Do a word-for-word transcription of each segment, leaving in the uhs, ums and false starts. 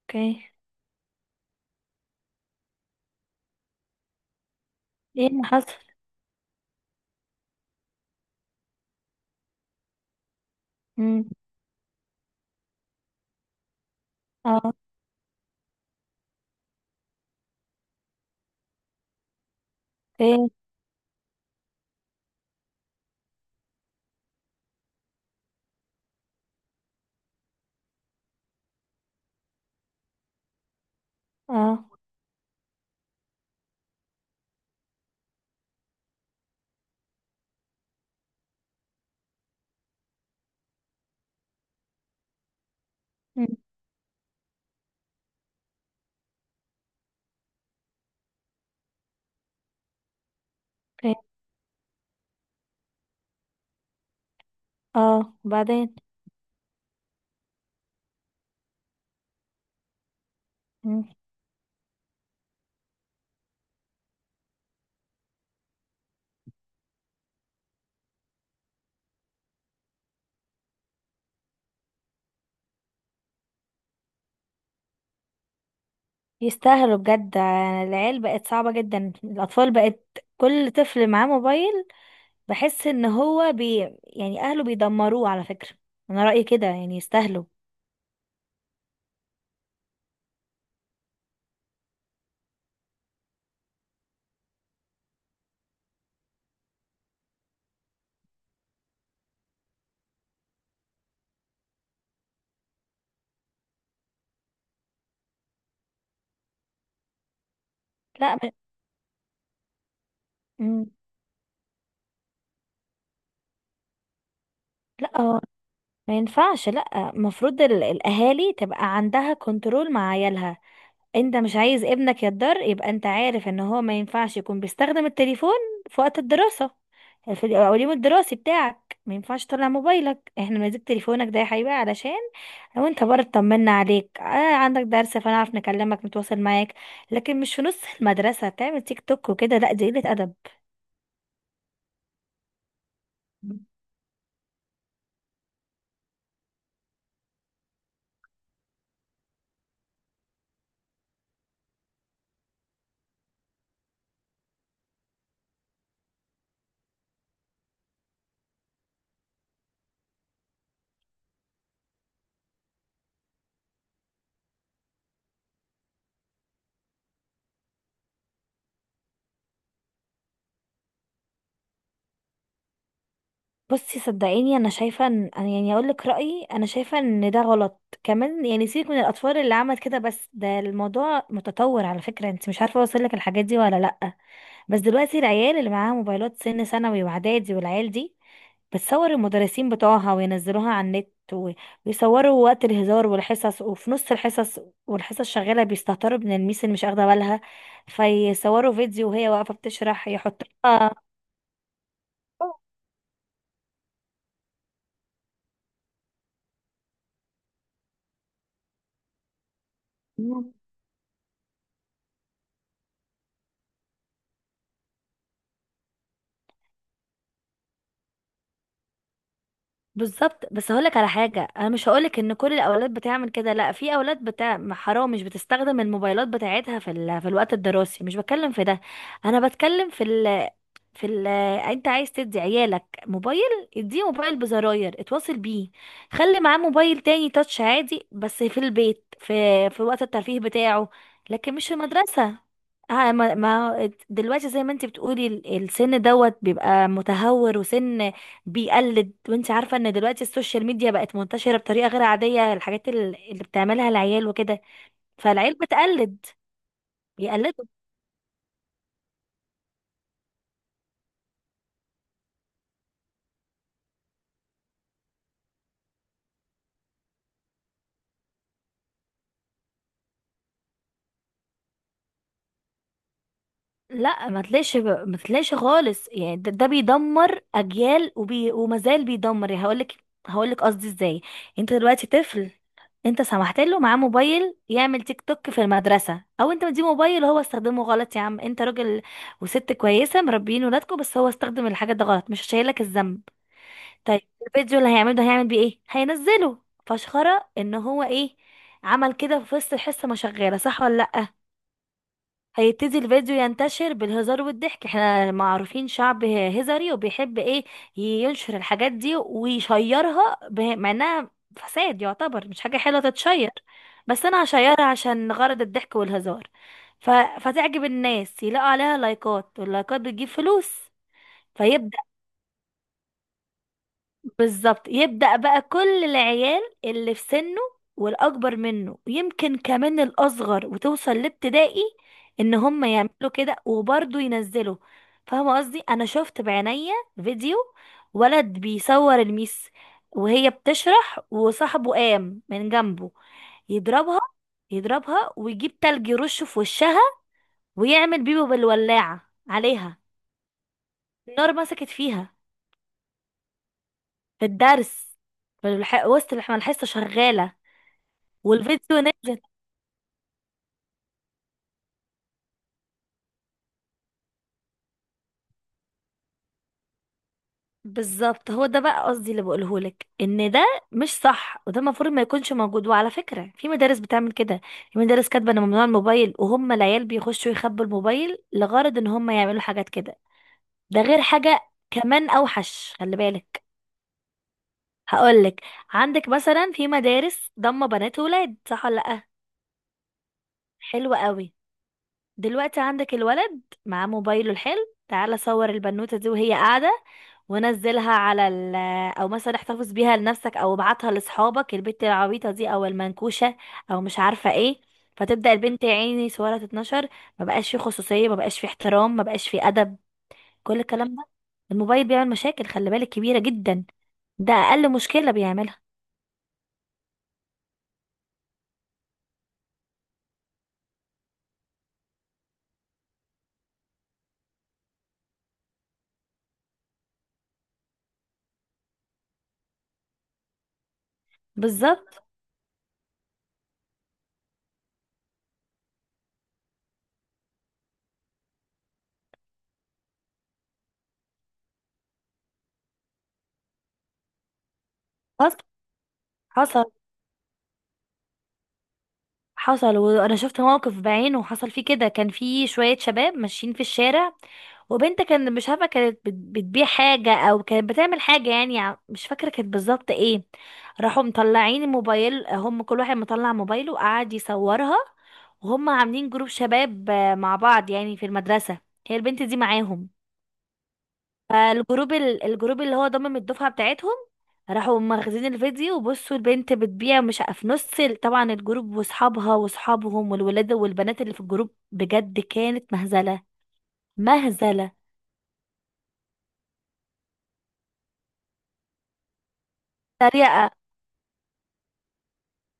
اوكي. ايه اللي حصل؟ امم، اه، ايه، اه، مم. ايه، اه وبعدين. مم. يستاهلوا بجد. آه، العيال بقت صعبة جدا، الأطفال بقت كل طفل معاه موبايل. بحس ان هو بي يعني أهله بيدمروه على فكرة. أنا رأيي كده، يعني يستاهلوا. لا م... مم. لا هو ما ينفعش. لا المفروض ال... الأهالي تبقى عندها كنترول مع عيالها. انت مش عايز ابنك يتضر، يبقى انت عارف ان هو ما ينفعش يكون بيستخدم التليفون في وقت الدراسة. في اليوم الدراسي بتاعك ما ينفعش تطلع موبايلك، احنا ماسك تليفونك ده يا حبيبي علشان لو انت بره اطمنا عليك، آه عندك درس فنعرف نكلمك نتواصل معاك. لكن مش في نص المدرسة تعمل تيك توك وكده، لا دي قلة أدب. بصي صدقيني انا شايفه ان أنا يعني اقول لك رايي، انا شايفه ان ده غلط كمان، يعني سيبك من الاطفال اللي عملت كده، بس ده الموضوع متطور على فكره، انت مش عارفه اوصل لك الحاجات دي ولا لا. بس دلوقتي العيال اللي معاها موبايلات سن ثانوي واعدادي، والعيال دي بتصور المدرسين بتوعها وينزلوها على النت و- ويصوروا وقت الهزار والحصص، وفي نص الحصص والحصص شغالة بيستهتروا من الميس اللي مش واخدة بالها، فيصوروا فيديو وهي واقفة بتشرح. يحطوها. بالظبط. بس هقولك على حاجة، انا مش هقولك ان كل الاولاد بتعمل كده، لا في اولاد بتاع حرام مش بتستخدم الموبايلات بتاعتها في ال... في الوقت الدراسي، مش بتكلم في ده، انا بتكلم في ال... في ال... انت عايز تدي عيالك موبايل، اديه موبايل بزراير اتواصل بيه، خلي معاه موبايل تاني تاتش عادي بس في البيت في في وقت الترفيه بتاعه. لكن مش في المدرسة. آه، ما ما دلوقتي زي ما انت بتقولي ال- السن دوت بيبقى متهور، وسن بيقلد، وانت عارفة ان دلوقتي السوشيال ميديا بقت منتشرة بطريقة غير عادية، الحاجات ال- اللي بتعملها العيال وكده، فالعيال بتقلد. بيقلدوا. لا ما تلاقيش، ما تلاقيش خالص، يعني ده, ده بيدمر اجيال، وبي ومازال بيدمر. يعني هقولك، هقولك قصدي ازاي. انت دلوقتي طفل، انت سمحت له معاه موبايل يعمل تيك توك في المدرسة، او انت مديه موبايل وهو استخدمه غلط. يا عم انت راجل وست كويسة مربيين ولادكم، بس هو استخدم الحاجة ده غلط، مش شايلك الذنب. طيب الفيديو اللي هيعمله ده هيعمل بيه ايه؟ هينزله فشخرة ان هو ايه، عمل كده في وسط الحصة ما شغالة، صح ولا لأ؟ هيبتدي الفيديو ينتشر بالهزار والضحك، احنا ما عارفين شعب هزاري وبيحب ايه، ينشر الحاجات دي ويشيرها به- مع انها فساد يعتبر، مش حاجة حلوة تتشير، بس انا هشيرها عشان غرض الضحك والهزار. ف... فتعجب الناس، يلاقوا عليها لايكات، واللايكات بتجيب فلوس. فيبدأ، بالظبط، يبدأ بقى كل العيال اللي في سنه والأكبر منه، يمكن كمان الأصغر وتوصل لابتدائي، إن هم يعملوا كده وبرضه ينزلوا. فاهمة قصدي؟ أنا شفت بعينيا فيديو ولد بيصور الميس وهي بتشرح، وصاحبه قام من جنبه يضربها، يضربها ويجيب تلج يرشه في وشها، ويعمل بيبو بالولاعة عليها، النار مسكت فيها، في الدرس، في الح- وسط الح- ما الحصة شغالة، والفيديو نزل. بالظبط، هو ده بقى قصدي اللي بقوله لك، ان ده مش صح، وده المفروض ما يكونش موجود. وعلى فكره في مدارس بتعمل كده، في مدارس كاتبه ان ممنوع الموبايل وهم العيال بيخشوا يخبوا الموبايل لغرض ان هم يعملوا حاجات كده. ده غير حاجه كمان اوحش، خلي بالك. هقول لك. عندك مثلا في مدارس ضم بنات وولاد، صح ولا لا؟ حلو قوي. دلوقتي عندك الولد معاه موبايله الحلو، تعالى صور البنوتة دي وهي قاعدة ونزلها على ال، او مثلا احتفظ بيها لنفسك، او ابعتها لاصحابك البنت العبيطة دي او المنكوشة، او مش عارفة ايه. فتبدأ البنت يا عيني صورها تتنشر، ما بقاش في خصوصية، ما بقاش في احترام، ما بقاش في ادب، كل الكلام ده. الموبايل بيعمل مشاكل خلي بالك كبيرة جدا، ده اقل مشكلة بيعملها. بالظبط. حصل حصل حصل، وانا شفت موقف بعينه وحصل فيه كده. كان في شوية شباب ماشيين في الشارع، وبنت كان مش عارفة، كانت بت- بتبيع حاجة او كانت بتعمل حاجة يعني، ع- مش فاكرة كانت بالظبط ايه، راحوا مطلعين الموبايل، هم كل واحد مطلع موبايله وقعد يصورها. وهم عاملين جروب شباب، آه، مع بعض يعني في المدرسة، هي البنت دي معاهم، فالجروب ال- الجروب اللي هو ضمم الدفعة بتاعتهم، راحوا مخزين الفيديو، وبصوا البنت بتبيع مش ع- في نص ال- طبعا الجروب واصحابها واصحابهم والولاد والبنات اللي في الجروب، بجد كانت مهزلة. مهزلة. سريعة.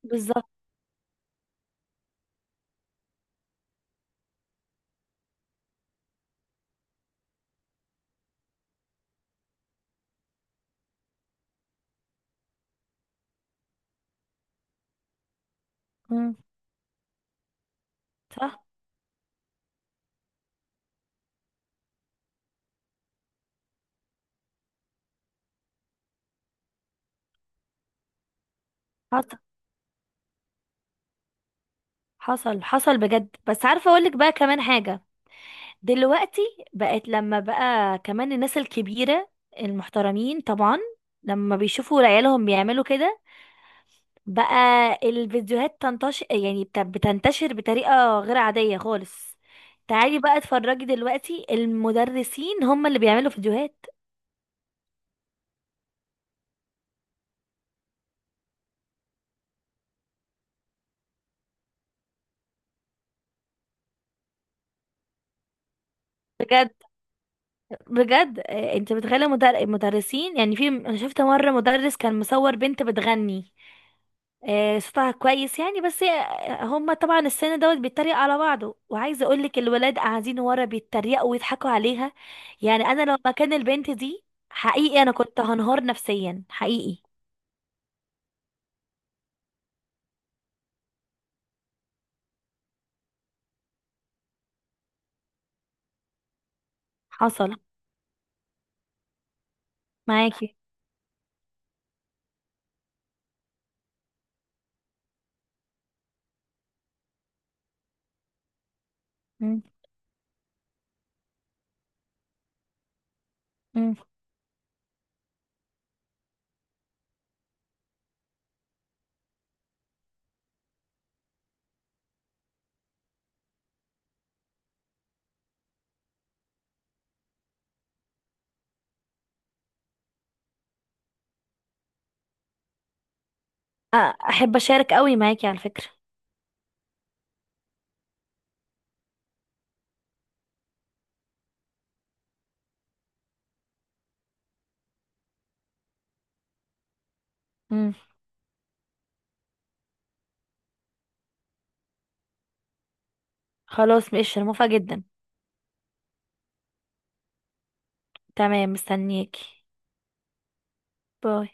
بالظبط. مم. صح. حصل حصل حصل بجد. بس عارفة اقولك بقى كمان حاجة، دلوقتي بقت، لما بقى كمان الناس الكبيرة المحترمين طبعا، لما بيشوفوا عيالهم بيعملوا كده بقى، الفيديوهات تنتشر يعني بت- بتنتشر بطريقة غير عادية خالص. تعالي بقى اتفرجي، دلوقتي المدرسين هم اللي بيعملوا فيديوهات. بجد، بجد. آه، انت متخيلة؟ مدر... المدرسين يعني، في انا شفت مرة مدرس كان مصور بنت بتغني، آه، صوتها كويس يعني، بس هي- هما طبعا السن دوت بيتريق على بعضه، وعايزه اقولك الولاد قاعدين ورا بيتريقوا ويضحكوا عليها. يعني انا لو مكان البنت دي حقيقي انا كنت هنهار نفسيا حقيقي. حصل. معاكي. مم. مم. أ- احب اشارك قوي معاكي على فكرة. مم. خلاص ماشي، انا موافقة جدا. تمام، مستنياكي. باي.